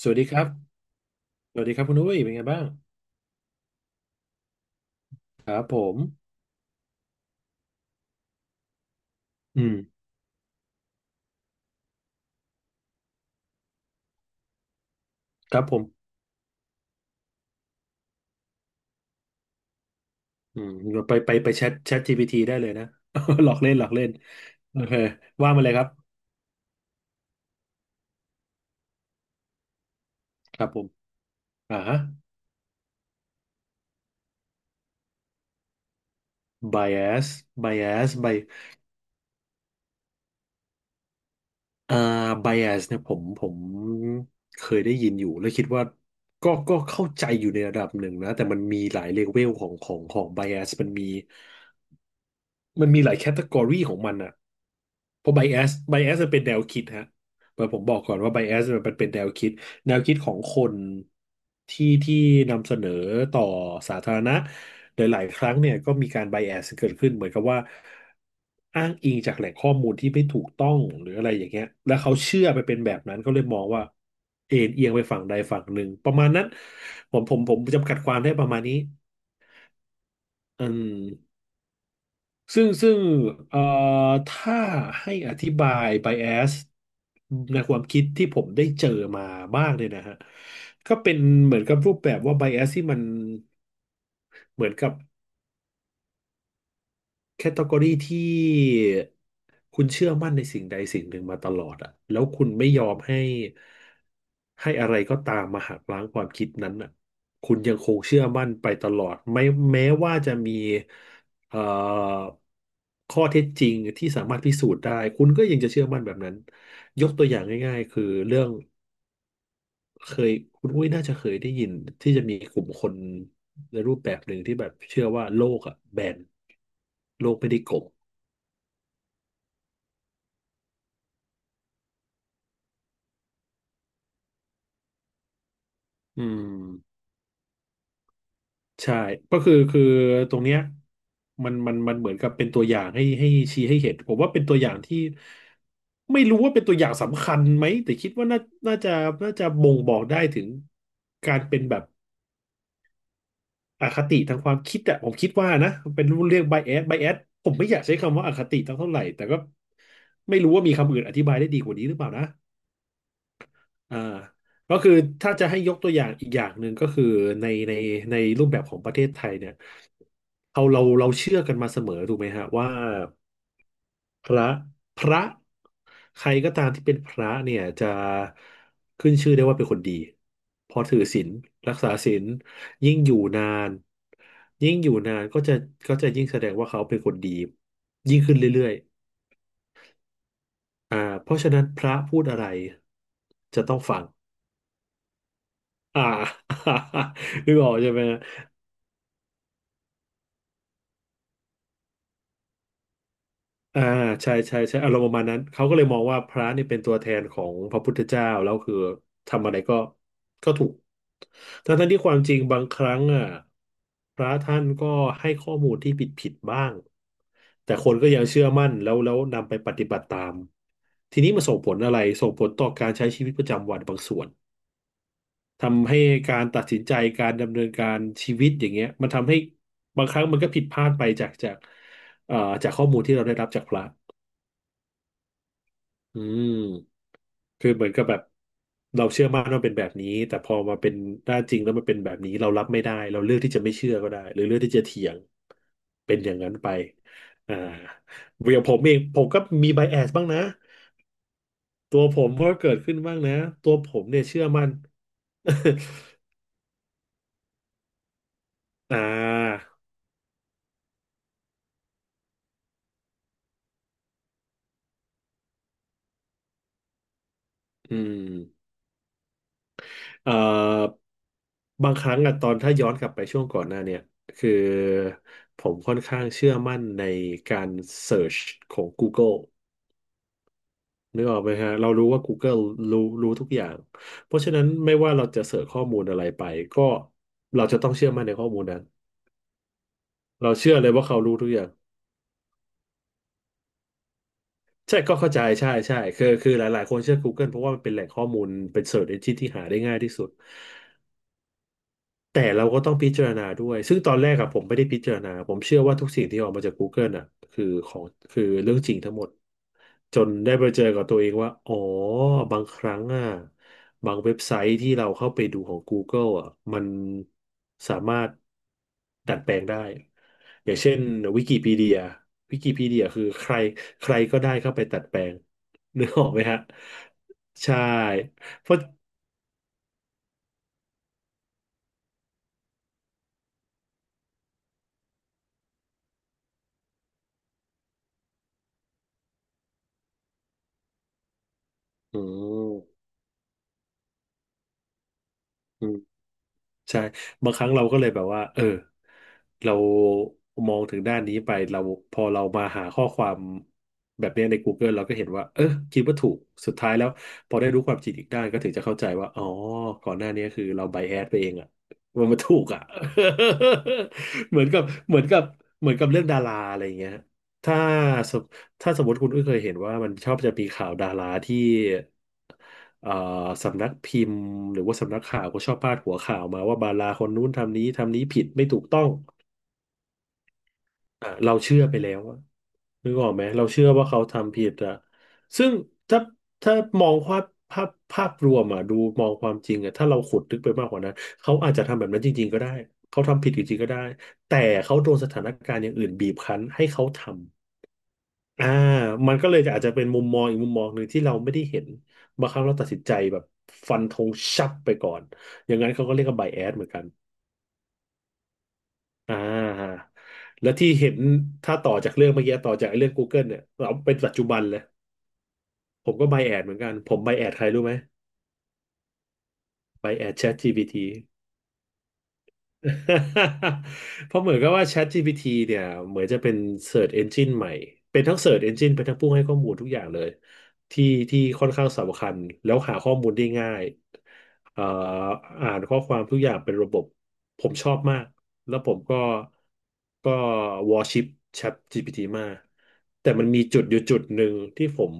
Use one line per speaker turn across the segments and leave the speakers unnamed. สวัสดีครับ สวัสดีครับคุณอุ้ยเป็นไงบ้าง ครับผม อืมครับผมอืมไปแชทจีพีทีได้เลยนะ หลอกเล่นหลอกเล่นโอเคว่ามาเลยครับ ครับผมอ่าฮะ bias bias by อ่า bias เนี่ยผมเคยได้ยินอยู่แล้วคิดว่าก็เข้าใจอยู่ในระดับหนึ่งนะแต่มันมีหลายเลเวลของ bias มันมีหลายแคตตากรีของมันอ่ะ เพราะไบแอสมันเป็นแนวคิดฮะแต่ผมบอกก่อนว่าไบแอสมันเป็นแนวคิดของคนที่นำเสนอต่อสาธารณะโดยหลายๆครั้งเนี่ยก็มีการไบแอสเกิดขึ้นเหมือนกับว่าอ้างอิงจากแหล่งข้อมูลที่ไม่ถูกต้องหรืออะไรอย่างเงี้ยแล้วเขาเชื่อไปเป็นแบบนั้นก็เลยมองว่าเอ็นเอียงไปฝั่งใดฝั่งหนึ่งประมาณนั้นผมจำกัดความได้ประมาณนี้อืม ซึ่งเอ่อถ้าให้อธิบาย bias ในความคิดที่ผมได้เจอมาบ้างเนี่ยนะฮะก็เป็นเหมือนกับรูปแบบว่า bias ที่มันเหมือนกับ แคตตากรีที่คุณเชื่อมั่นในสิ่งใดสิ่งหนึ่งมาตลอดอะแล้วคุณไม่ยอมให้อะไรก็ตามมาหักล้างความคิดนั้นอะคุณยังคงเชื่อมั่นไปตลอดไม่แม้ว่าจะมีเอ่อข้อเท็จจริงที่สามารถพิสูจน์ได้คุณก็ยังจะเชื่อมั่นแบบนั้นยกตัวอย่างง่ายๆคือเรื่องเคยคุณอุ้ยน่าจะเคยได้ยินที่จะมีกลุ่มคนในรูปแบบหนึ่งที่แบบเชื่อว่าโลกอะแบนโลกไม่ได้กลม อืมใช่ก็คือตรงเนี้ยมันเหมือนกับเป็นตัวอย่างให้ชี้ให้เห็นผมว่าเป็นตัวอย่างที่ไม่รู้ว่าเป็นตัวอย่างสำคัญไหมแต่คิดว่าน่าจะน่าจะบ่งบอกได้ถึงการเป็นแบบอคติทางความคิดอะผมคิดว่านะเป็นเรียก bias ผมไม่อยากใช้คำว่าอคติตั้งเท่าไหร่แต่ก็ไม่รู้ว่ามีคำอื่นอธิบายได้ดีกว่านี้หรือเปล่านะ อ่าก็คือถ้าจะให้ยกตัวอย่างอีกอย่างหนึ่งก็คือในในในรูปแบบของประเทศไทยเนี่ยเราเชื่อกันมาเสมอถูกไหมฮะว่าพระพระใครก็ตามที่เป็นพระเนี่ยจะขึ้นชื่อได้ว่าเป็นคนดีเพอถือศีลรักษาศีลยิ่งอยู่นานยิ่งอยู่นานก็จะยิ่งแสดงว่าเขาเป็นคนดียิ่งขึ้นเรื่อยๆเพราะฉะนั้นพระพูดอะไรจะต้องฟัง อ่า นึกออกใช่ไหมฮะอ่าใช่ใช่ใช่อารมณ์ประมาณนั้นเขาก็เลยมองว่าพระนี่เป็นตัวแทนของพระพุทธเจ้าแล้วคือทำอะไรก็ถูกทั้งที่ความจริงบางครั้งอ่ะพระท่านก็ให้ข้อมูลที่ผิดบ้างแต่คนก็ยังเชื่อมั่นแล้วนำไปปฏิบัติตามทีนี้มันส่งผลอะไรส่งผลต่อการใช้ชีวิตประจำวันบางส่วน ทำให้การตัดสินใจการดำเนินการชีวิตอย่างเงี้ยมันทำให้บางครั้งมันก็ผิดพลาดไปจากเอ่อจากข้อมูลที่เราได้รับจากพระอืมคือเหมือนกับแบบเราเชื่อมั่นว่าเป็นแบบนี้แต่พอมาเป็นห้านจริงแล้วมันเป็นแบบนี้เรารับไม่ได้เราเลือกที่จะไม่เชื่อก็ได้หรือเลือกที่จะเถียงเป็นอย่างนั้นไปอ่าอย่างผมเองผมก็มีไบแอสบ้างนะตัวผมก็เกิดขึ้นบ้างนะตัวผมเนี่ยเชื่อมั่น อ่าอืม เอ่อบางครั้งอะตอนถ้าย้อนกลับไปช่วงก่อนหน้าเนี่ยคือผมค่อนข้างเชื่อมั่นในการเสิร์ชของ Google นึกออกไหมฮะเรารู้ว่า Google รู้ทุกอย่างเพราะฉะนั้นไม่ว่าเราจะเสิร์ชข้อมูลอะไรไปก็เราจะต้องเชื่อมั่นในข้อมูลนั้นเราเชื่อเลยว่าเขารู้ทุกอย่างใช่ก็เข้าใจใช่ใช่คือหลายๆคนเชื่อ Google เพราะว่ามันเป็นแหล่งข้อมูลเป็น Search Engine ที่หาได้ง่ายที่สุด แต่เราก็ต้องพิจารณาด้วยซึ่งตอนแรกอะผมไม่ได้พิจารณาผมเชื่อว่าทุกสิ่งที่ออกมาจาก Google อะคือของคือเรื่องจริงทั้งหมดจนได้ไปเจอกับตัวเองว่าอ๋อบางครั้งอะบางเว็บไซต์ที่เราเข้าไปดูของ Google อะมันสามารถดัดแปลงได้อย่างเช่นวิกิพีเดียวิกิพีเดียคือใครใครก็ได้เข้าไปดัดแปลงนึกออกไหมฮะใช่เพราะอืม ใช่บางครั้งเราก็เลยแบบว่าเรามองถึงด้านนี้ไปเราพอเรามาหาข้อความแบบเนี้ยใน Google เราก็เห็นว่าคิดว่าถูกสุดท้ายแล้วพอได้รู้ความจริงอีกด้านก็ถึงจะเข้าใจว่าอ๋อก่อนหน้านี้คือเราไบแอสไปเองอะว่ามันถูกอะ เหมือนกับเหมือนกับเหมือนกับเรื่องดาราอะไรอย่างเงี้ยถ้า ถ้าสมมติคุณก็เคยเห็นว่ามันชอบจะมีข่าวดาราที่เอ่อสำนักพิมพ์หรือว่าสำนักข่าวก็ชอบพาดหัวข่าวมาว่าดาราคนนู้นทำนี้ทำนี้ผิดไม่ถูกต้องอ่ะเราเชื่อไปแล้วอะนึกออกไหมเราเชื่อว่าเขาทำผิดอะซึ่งถ้าถ้ามองภาพภาพรวมอะดูมองความจริงอะถ้าเราขุดลึกไปมากกว่านั้นเขาอาจจะทำแบบนั้นจริงๆก็ได้เขาทำผิดจริงๆก็ได้แต่เขาโดนสถานการณ์อย่างอื่นบีบคั้นให้เขาทำ อ่ามันก็เลยจะอาจจะเป็นมุมมองอีกมุมมองหนึ่งที่เราไม่ได้เห็นบางครั้งเราตัดสินใจแบบฟันธงชับไปก่อนอย่างนั้นเขาก็เรียกว่าไบแอสเหมือนกันอ่าแล้วที่เห็นถ้าต่อจากเรื่องเมื่อกี้ต่อจากไอ้เรื่อง Google เนี่ยเราเป็นปัจจุบันเลยผมก็ไบแอสเหมือนกันผมไบแอสใครรู้ไหมไบแอส ChatGPT เพราะเหมือนกับว่า ChatGPT เนี่ยเหมือนจะเป็น Search Engine ใหม่เป็นทั้ง Search Engine เป็นทั้งผู้ให้ข้อมูลทุกอย่างเลย ที่ที่ค่อนข้างสำคัญแล้วหาข้อมูลได้ง่ายเอ่ออ่านข้อความทุกอย่างเป็นระบบผมชอบมากแล้วผมก็ก็วอร์ชิป ChatGPT มากแต่มันมีจุดอยู่จุดหนึ่งที่ผม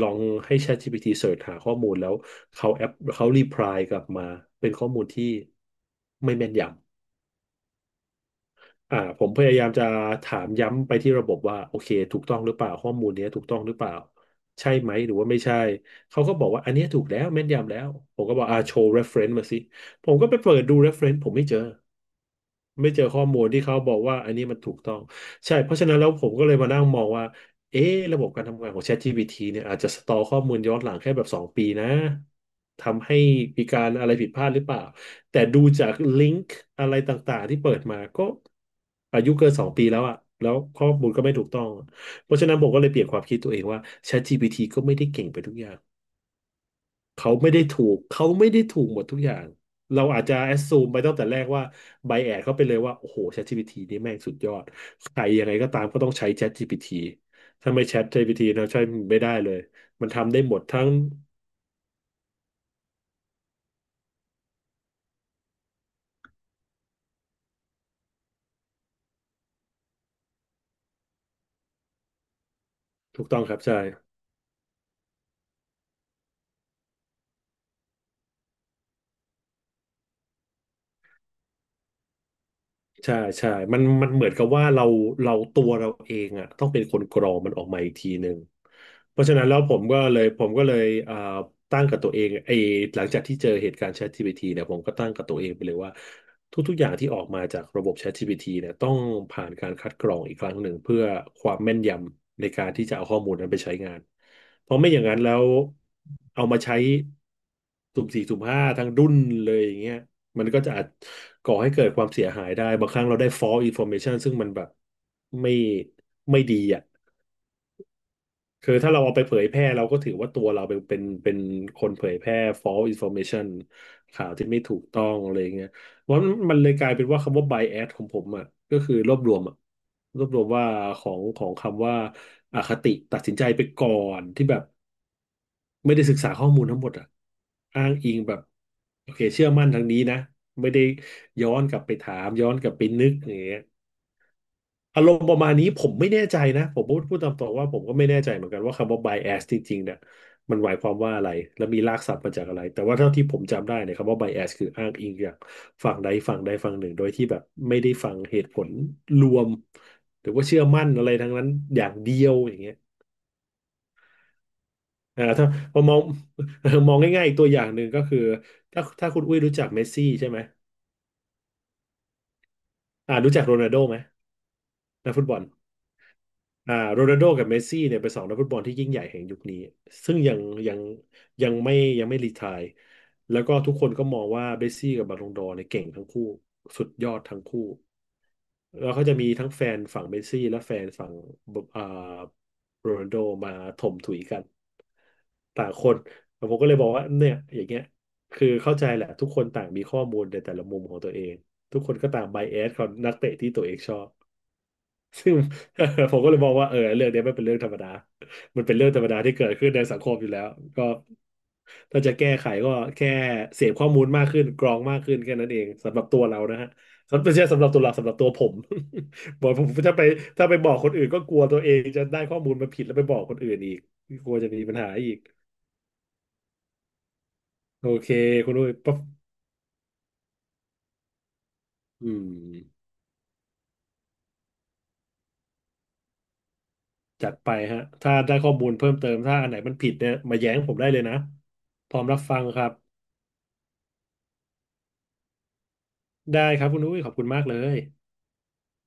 ลองให้ ChatGPT เสิร์ชหาข้อมูลแล้วเขาแอปเขารีプライกลับมาเป็นข้อมูลที่ไม่แม่นยำ อ่าผมพยายามจะถามย้ำไปที่ระบบว่าโอเคถูกต้องหรือเปล่าข้อมูลเนี้ยถูกต้องหรือเปล่าใช่ไหมหรือว่าไม่ใช่เขาก็บอกว่าอันเนี้ยถูกแล้วแม่นยำแล้วผมก็บอกอ่าโชว์ reference มาสิผมก็ไปเปิดดู reference ผมไม่เจอไม่เจอข้อมูลที่เขาบอกว่าอันนี้มันถูกต้องใช่เพราะฉะนั้นแล้วผมก็เลยมานั่งมองว่าเอ๊ะระบบการทำงานของ ChatGPT เนี่ยอาจจะสตอร์ข้อมูลย้อนหลังแค่แบบสองปีนะทำให้มีการอะไรผิดพลาดหรือเปล่า แต่ดูจากลิงก์อะไรต่างๆที่เปิดมาก็อายุเกินสองปีแล้วอะแล้วข้อมูลก็ไม่ถูกต้องอะเพราะฉะนั้นผมก็เลยเปลี่ยนความคิดตัวเองว่า ChatGPT ก็ไม่ได้เก่งไปทุกอย่างเขาไม่ได้ถูกเขาไม่ได้ถูกหมดทุกอย่างเราอาจจะแอ s ซูมไปตั้งแต่แรกว่าไบแอดเขาไปเลยว่าโอ้โห ChatGPT นี่แม่งสุดยอดใครยังไงก็ตามก็ต้องใช้ ChatGPT ถ้าไม่ ChatGPT เราใช้ไม่ได้เลยมันทำได้หมดทั้งถูกต้องครับใช่ ใช่ใช่มันเหมือนกับว่าเราตัวเราเองอ่ะต้องเป็นคนกรองมันออกมาอีกทีหนึ่งเพราะฉะนั้นแล้วผมก็เลยอ่าตั้งกับตัวเองไอ้หลังจากที่เจอเหตุการณ์ ChatGPT เนี่ยผมก็ตั้งกับตัวเองไปเลยว่าทุกๆอย่างที่ออกมาจากระบบ ChatGPT เนี่ยต้องผ่านการคัดกรองอีกครั้งหนึ่งเพื่อความแม่นยำในการที่จะเอาข้อมูลนั้นไปใช้งานเพราะไม่อย่างนั้นแล้วเอามาใช้สุ่มสี่สุ่มห้าทั้งรุ่นเลยอย่างเงี้ย มันก็จะอาจก่อให้เกิดความเสียหายได้บางครั้งเราได้ false information ซึ่งมันแบบไม่ไม่ดีอ่ะ คือถ้าเราเอาไปเผยแพร่เราก็ถือว่าตัวเราเป็นคนเผยแพร่ false information ข่าวที่ไม่ถูกต้องอะไรเงี้ยเพราะมันเลยกลายเป็นว่าคำว่า bias ของผมอ่ะก็คือรวบรวมอ่ะรวบรวมว่าของคำว่าอคติตัดสินใจไปก่อนที่แบบไม่ได้ศึกษาข้อมูลทั้งหมดอ่ะอ้างอิงแบบโอเคเชื่อมั่นทางนี้นะไม่ได้ย้อนกลับไปถามย้อนกลับไปนึกอย่างเงี้ย อารมณ์ประมาณนี้ผมไม่แน่ใจนะผมพูดตามตรงว่าผมก็ไม่แน่ใจเหมือนกันว่าคำว่า bias จริงๆเนี่ยมันหมายความว่าอะไรและมีรากศัพท์มาจากอะไรแต่ว่าเท่าที่ผมจำได้เนี่ยคำว่า bias คืออ้างอิงจากฝั่งใดฝั่งหนึ่งโดยที่แบบไม่ได้ฟังเหตุผลรวมหรือว่าเชื่อมั่นอะไรทั้งนั้นอย่างเดียวอย่างเงี้ยถ้าพอมอง มองง่ายๆอีกตัวอย่างหนึ่งก็คือถ้าคุณอุ้ยรู้จักเมสซี่ใช่ไหมรู้จักโรนัลโด้ไหมนักฟุตบอล โรนัลโดกับเมสซี่เนี่ยเป็นสองนักฟุตบอลที่ยิ่งใหญ่แห่งยุคนี้ซึ่งยังยังยังไม่ยังไม่รีไทร์แล้วก็ทุกคนก็มองว่าเมสซี่กับบาลงดอร์เนี่ยเก่งทั้งคู่สุดยอดทั้งคู่แล้วเขาจะมีทั้งแฟนฝั่งเมสซี่และแฟนฝั่งบอ่าโรนัลโดมาถมถุยกันต่างคนผมก็เลยบอกว่าเนี่ยอย่างเงี้ยคือเข้าใจแหละทุกคนต่างมีข้อมูลในแต่ละมุมของตัวเองทุกคนก็ต่างไบแอสของนักเตะที่ตัวเองชอบ ซึ่ง ผมก็เลยมองว่าเออเรื่องเนี้ยไม่เป็นเรื่องธรรมดามันเป็นเรื่องธรรมดาที่เกิดขึ้นในสังคมอยู่แล้ว ก็ถ้าจะแก้ไขก็แค่เสพข้อมูลมากขึ้นกรองมากขึ้นแค่นั้นเองสำหรับตัวเรานะฮะสำหรับไม่ใช่สำหรับตัวเราสำหรับตัวผม บอกผมถ้าไปบอกคนอื่นก็กลัวตัวเองจะได้ข้อมูลมาผิดแล้วไปบอกคนอื่นอีกกลัวจะมีปัญหาอีกโอเคคุณด้วยปั๊บอืมจัดไปฮะถ้าได้ข้อมูลเพิ่มเติมถ้าอันไหนมันผิดเนี่ยมาแย้งผมได้เลยนะพร้อมรับฟังครับ ได้ครับคุณอุ้ยขอบคุณมากเลย